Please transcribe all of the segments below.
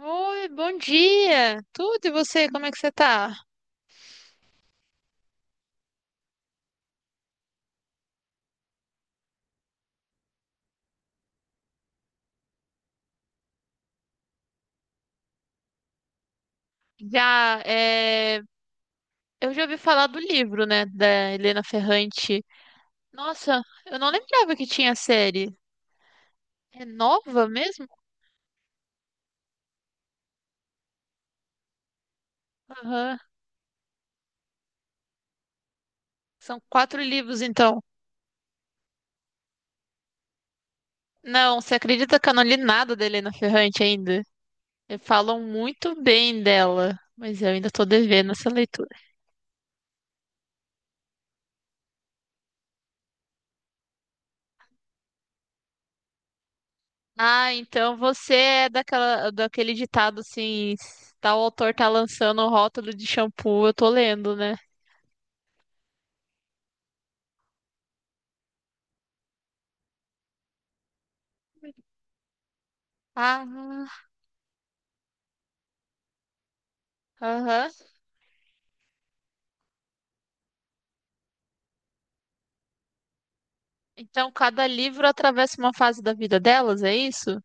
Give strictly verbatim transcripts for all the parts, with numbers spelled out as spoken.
Oi, bom dia! Tudo e você, como é que você tá? Já, é... Eu já ouvi falar do livro, né, da Helena Ferrante. Nossa, eu não lembrava que tinha série. É nova mesmo? Aham. São quatro livros, então. Não, você acredita que eu não li nada da Helena Ferrante ainda? Eh, Falam muito bem dela, mas eu ainda tô devendo essa leitura. Ah, então você é daquela, daquele ditado assim, tal autor tá lançando o rótulo de shampoo, eu tô lendo, né? Ah, aham. Então cada livro atravessa uma fase da vida delas, é isso?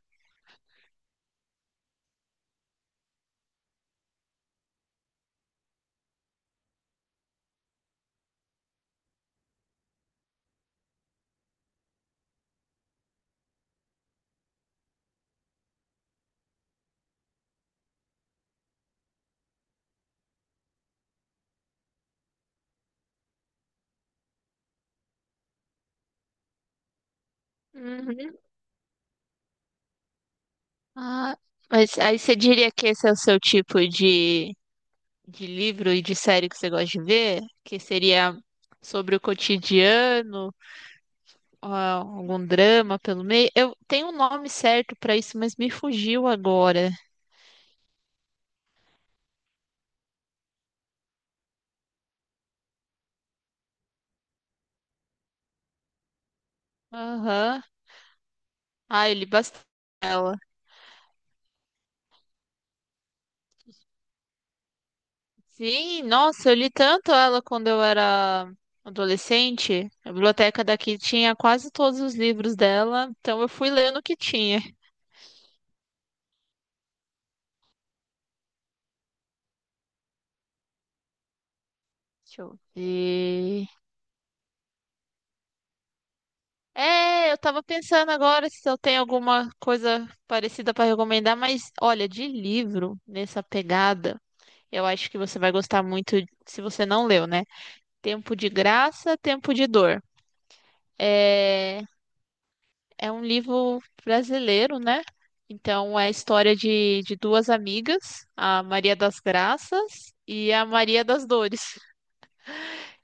Uhum. Ah, mas aí você diria que esse é o seu tipo de, de livro e de série que você gosta de ver? Que seria sobre o cotidiano, ah, algum drama pelo meio? Eu tenho um nome certo pra isso, mas me fugiu agora. Aham. Ah, eu li bastante. Sim, nossa, eu li tanto ela quando eu era adolescente. A biblioteca daqui tinha quase todos os livros dela, então eu fui lendo o que tinha. Deixa eu ver. É, eu tava pensando agora se eu tenho alguma coisa parecida para recomendar, mas olha, de livro nessa pegada, eu acho que você vai gostar muito se você não leu, né? Tempo de Graça, Tempo de Dor. É, É um livro brasileiro, né? Então, é a história de, de duas amigas, a Maria das Graças e a Maria das Dores.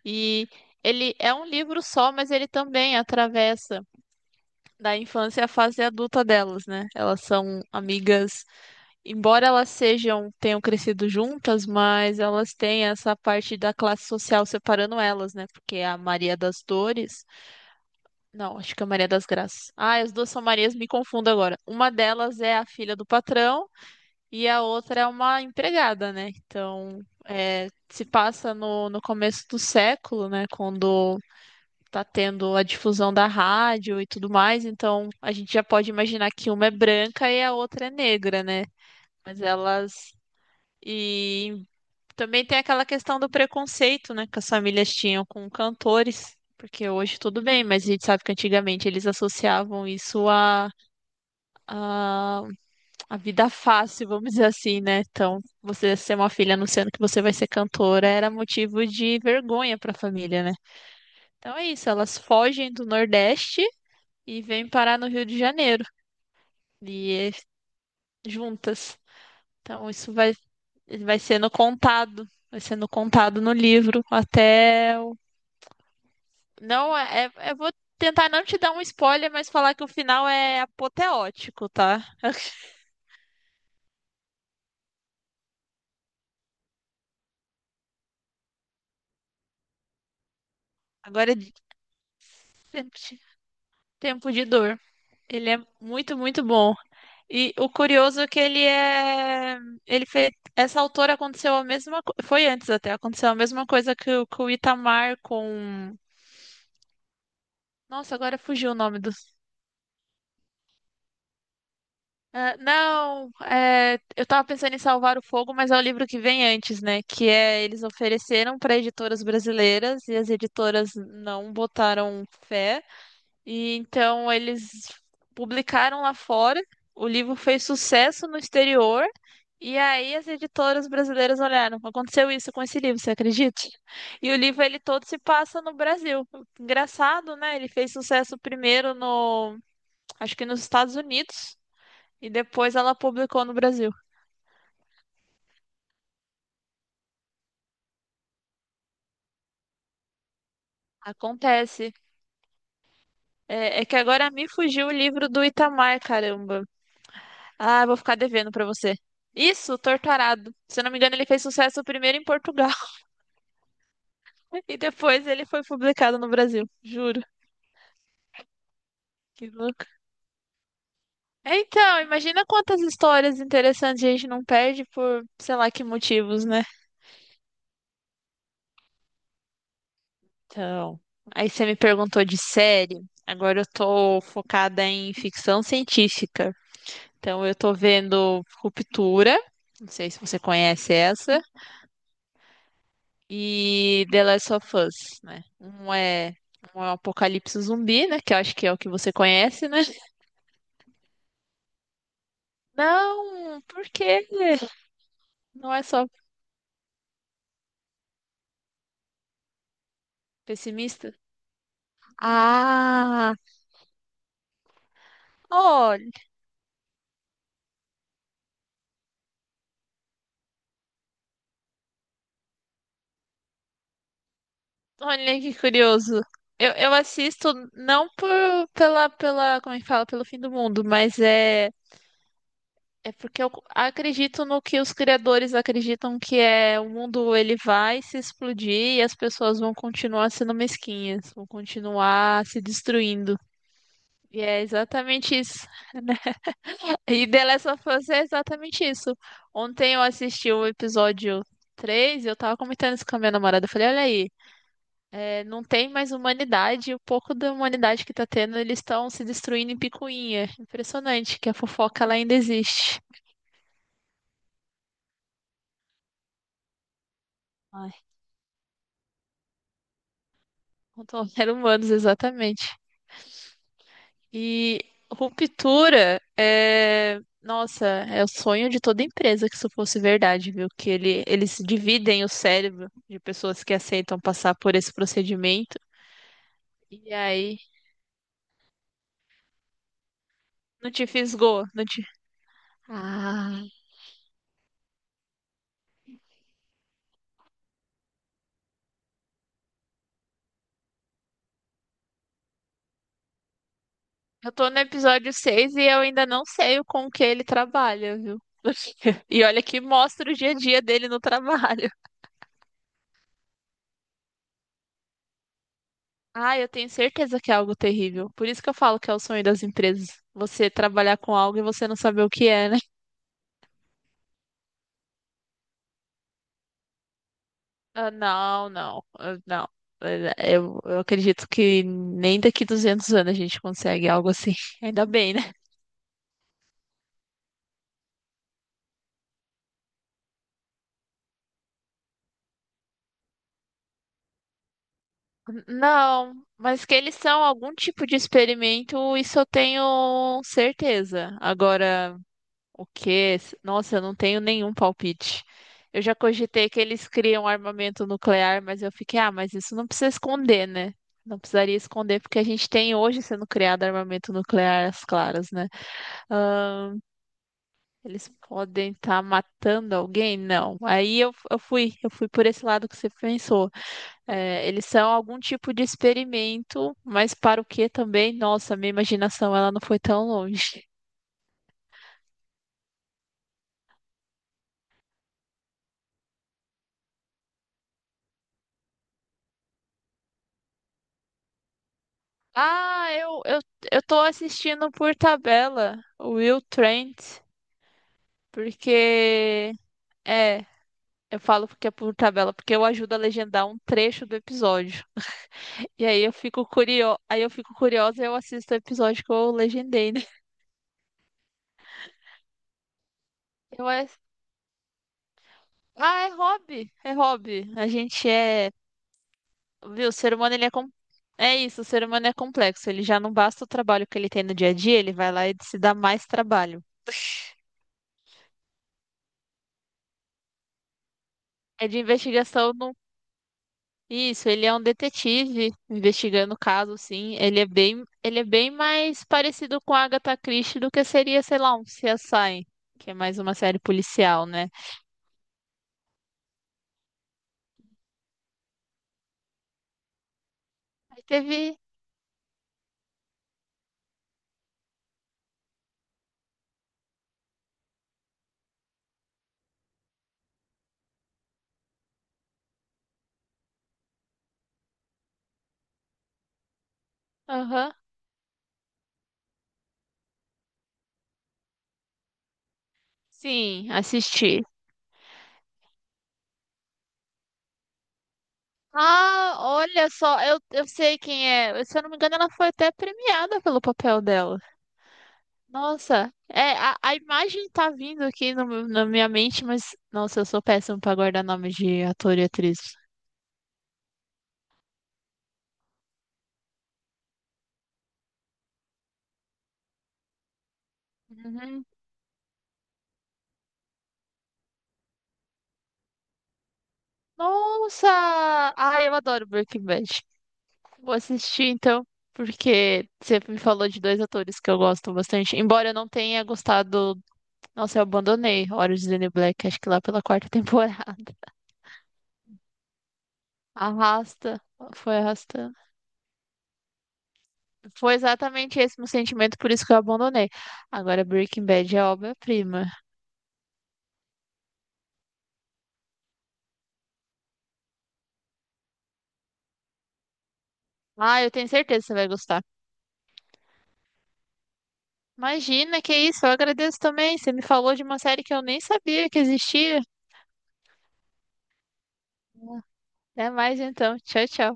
E ele é um livro só, mas ele também atravessa da infância à fase adulta delas, né? Elas são amigas, embora elas sejam, tenham crescido juntas, mas elas têm essa parte da classe social separando elas, né? Porque a Maria das Dores. Não, acho que é Maria das Graças. Ah, as duas são Marias, me confundo agora. Uma delas é a filha do patrão e a outra é uma empregada, né? Então, é, se passa no, no começo do século, né? Quando tá tendo a difusão da rádio e tudo mais. Então, a gente já pode imaginar que uma é branca e a outra é negra, né? Mas elas. E também tem aquela questão do preconceito, né, que as famílias tinham com cantores, porque hoje tudo bem, mas a gente sabe que antigamente eles associavam isso à à à vida fácil, vamos dizer assim, né? Então, você ser uma filha anunciando que você vai ser cantora era motivo de vergonha para a família, né? Então é isso, elas fogem do Nordeste e vêm parar no Rio de Janeiro, e é juntas. Então, isso vai, vai sendo contado, vai sendo contado no livro até. Não, é, é- Eu vou tentar não te dar um spoiler, mas falar que o final é apoteótico, tá? Agora é de- tempo de dor. Ele é muito, muito bom. E o curioso é que ele é. Ele fez. Essa autora aconteceu a mesma. co- Foi antes até, aconteceu a mesma coisa que, o que o Itamar com. Nossa, agora fugiu o nome do. Ah, não, é, eu tava pensando em Salvar o Fogo, mas é o livro que vem antes, né? Que é eles ofereceram para editoras brasileiras e as editoras não botaram fé. E então eles publicaram lá fora. O livro fez sucesso no exterior. E aí as editoras brasileiras olharam, aconteceu isso com esse livro, você acredita? E o livro ele todo se passa no Brasil. Engraçado, né? Ele fez sucesso primeiro no, acho que nos Estados Unidos. E depois ela publicou no Brasil. Acontece. É, é que agora me fugiu o livro do Itamar, caramba. Ah, vou ficar devendo pra você. Isso, Torturado. Se eu não me engano, ele fez sucesso primeiro em Portugal e depois ele foi publicado no Brasil. Juro. Que louco. É, então, imagina quantas histórias interessantes a gente não perde por, sei lá, que motivos, né? Então, aí você me perguntou de série. Agora eu tô focada em ficção científica. Então eu tô vendo Ruptura, não sei se você conhece essa, e The Last of Us, né? Um é um é um apocalipse zumbi, né? Que eu acho que é o que você conhece, né? Não, por quê? Não é só pessimista? Ah, olha, olha que curioso. Eu, eu assisto não por, pela, pela, como é que fala, pelo fim do mundo, mas é. É porque eu acredito no que os criadores acreditam que é o mundo ele vai se explodir e as pessoas vão continuar sendo mesquinhas, vão continuar se destruindo. E é exatamente isso, né? E The Last of Us é exatamente isso. Ontem eu assisti o episódio três e eu tava comentando isso com a minha namorada. Eu falei, olha aí, é, não tem mais humanidade, o pouco da humanidade que tá tendo, eles estão se destruindo em picuinha. Impressionante que a fofoca ela ainda existe. Ai, controlar humanos, exatamente. E ruptura é. Nossa, é o sonho de toda empresa que isso fosse verdade, viu? Que ele, eles dividem o cérebro de pessoas que aceitam passar por esse procedimento. E aí, não te fisgou, não te... Ah. Eu tô no episódio seis e eu ainda não sei o com que ele trabalha, viu? E olha que mostra o dia a dia dele no trabalho. Ah, eu tenho certeza que é algo terrível. Por isso que eu falo que é o sonho das empresas. Você trabalhar com algo e você não saber o que é, né? Ah, não, não, ah, não. Eh, Eu, eu acredito que nem daqui duzentos anos a gente consegue algo assim. Ainda bem, né? Não, mas que eles são algum tipo de experimento, isso eu tenho certeza. Agora. O quê? Nossa, eu não tenho nenhum palpite. Eu já cogitei que eles criam armamento nuclear, mas eu fiquei, ah, mas isso não precisa esconder, né? Não precisaria esconder, porque a gente tem hoje sendo criado armamento nuclear às claras, né? Ahn, Eles podem estar matando alguém? Não. Aí eu, eu fui, eu fui por esse lado que você pensou. É, eles são algum tipo de experimento, mas para o quê também? Nossa, minha imaginação ela não foi tão longe. Ah, eu, eu, eu tô assistindo por tabela o Will Trent, porque. É, eu falo porque é por tabela, porque eu ajudo a legendar um trecho do episódio. E aí eu fico curio... aí eu fico curiosa e eu assisto o episódio que eu legendei, né? Eu ass- Ah, é hobby, é hobby. A gente é. Viu, o ser humano ele é com... É isso, o ser humano é complexo. Ele já não basta o trabalho que ele tem no dia a dia, ele vai lá e se dá mais trabalho. É de investigação. Isso, ele é um detetive investigando o caso, sim. Ele é bem, ele é bem mais parecido com a Agatha Christie do que seria, sei lá, um C S I, que é mais uma série policial, né? Aí teve, aham, sim, assisti. Ah, olha só, eu, eu sei quem é. Se eu não me engano, ela foi até premiada pelo papel dela. Nossa, é, a, a imagem tá vindo aqui no meu- na minha mente, mas nossa, eu sou péssima pra guardar nome de ator e atriz. Uhum. Nossa! Ai, eu adoro Breaking Bad. Vou assistir então, porque você me falou de dois atores que eu gosto bastante. Embora eu não tenha gostado. Nossa, eu abandonei Orange is the New Black, acho que lá pela quarta temporada. Arrasta. Foi arrastando. Foi exatamente esse meu sentimento, por isso que eu abandonei. Agora Breaking Bad é obra-prima. Ah, eu tenho certeza que você vai gostar. Imagina, que isso, eu agradeço também. Você me falou de uma série que eu nem sabia que existia. Até mais então. Tchau, tchau.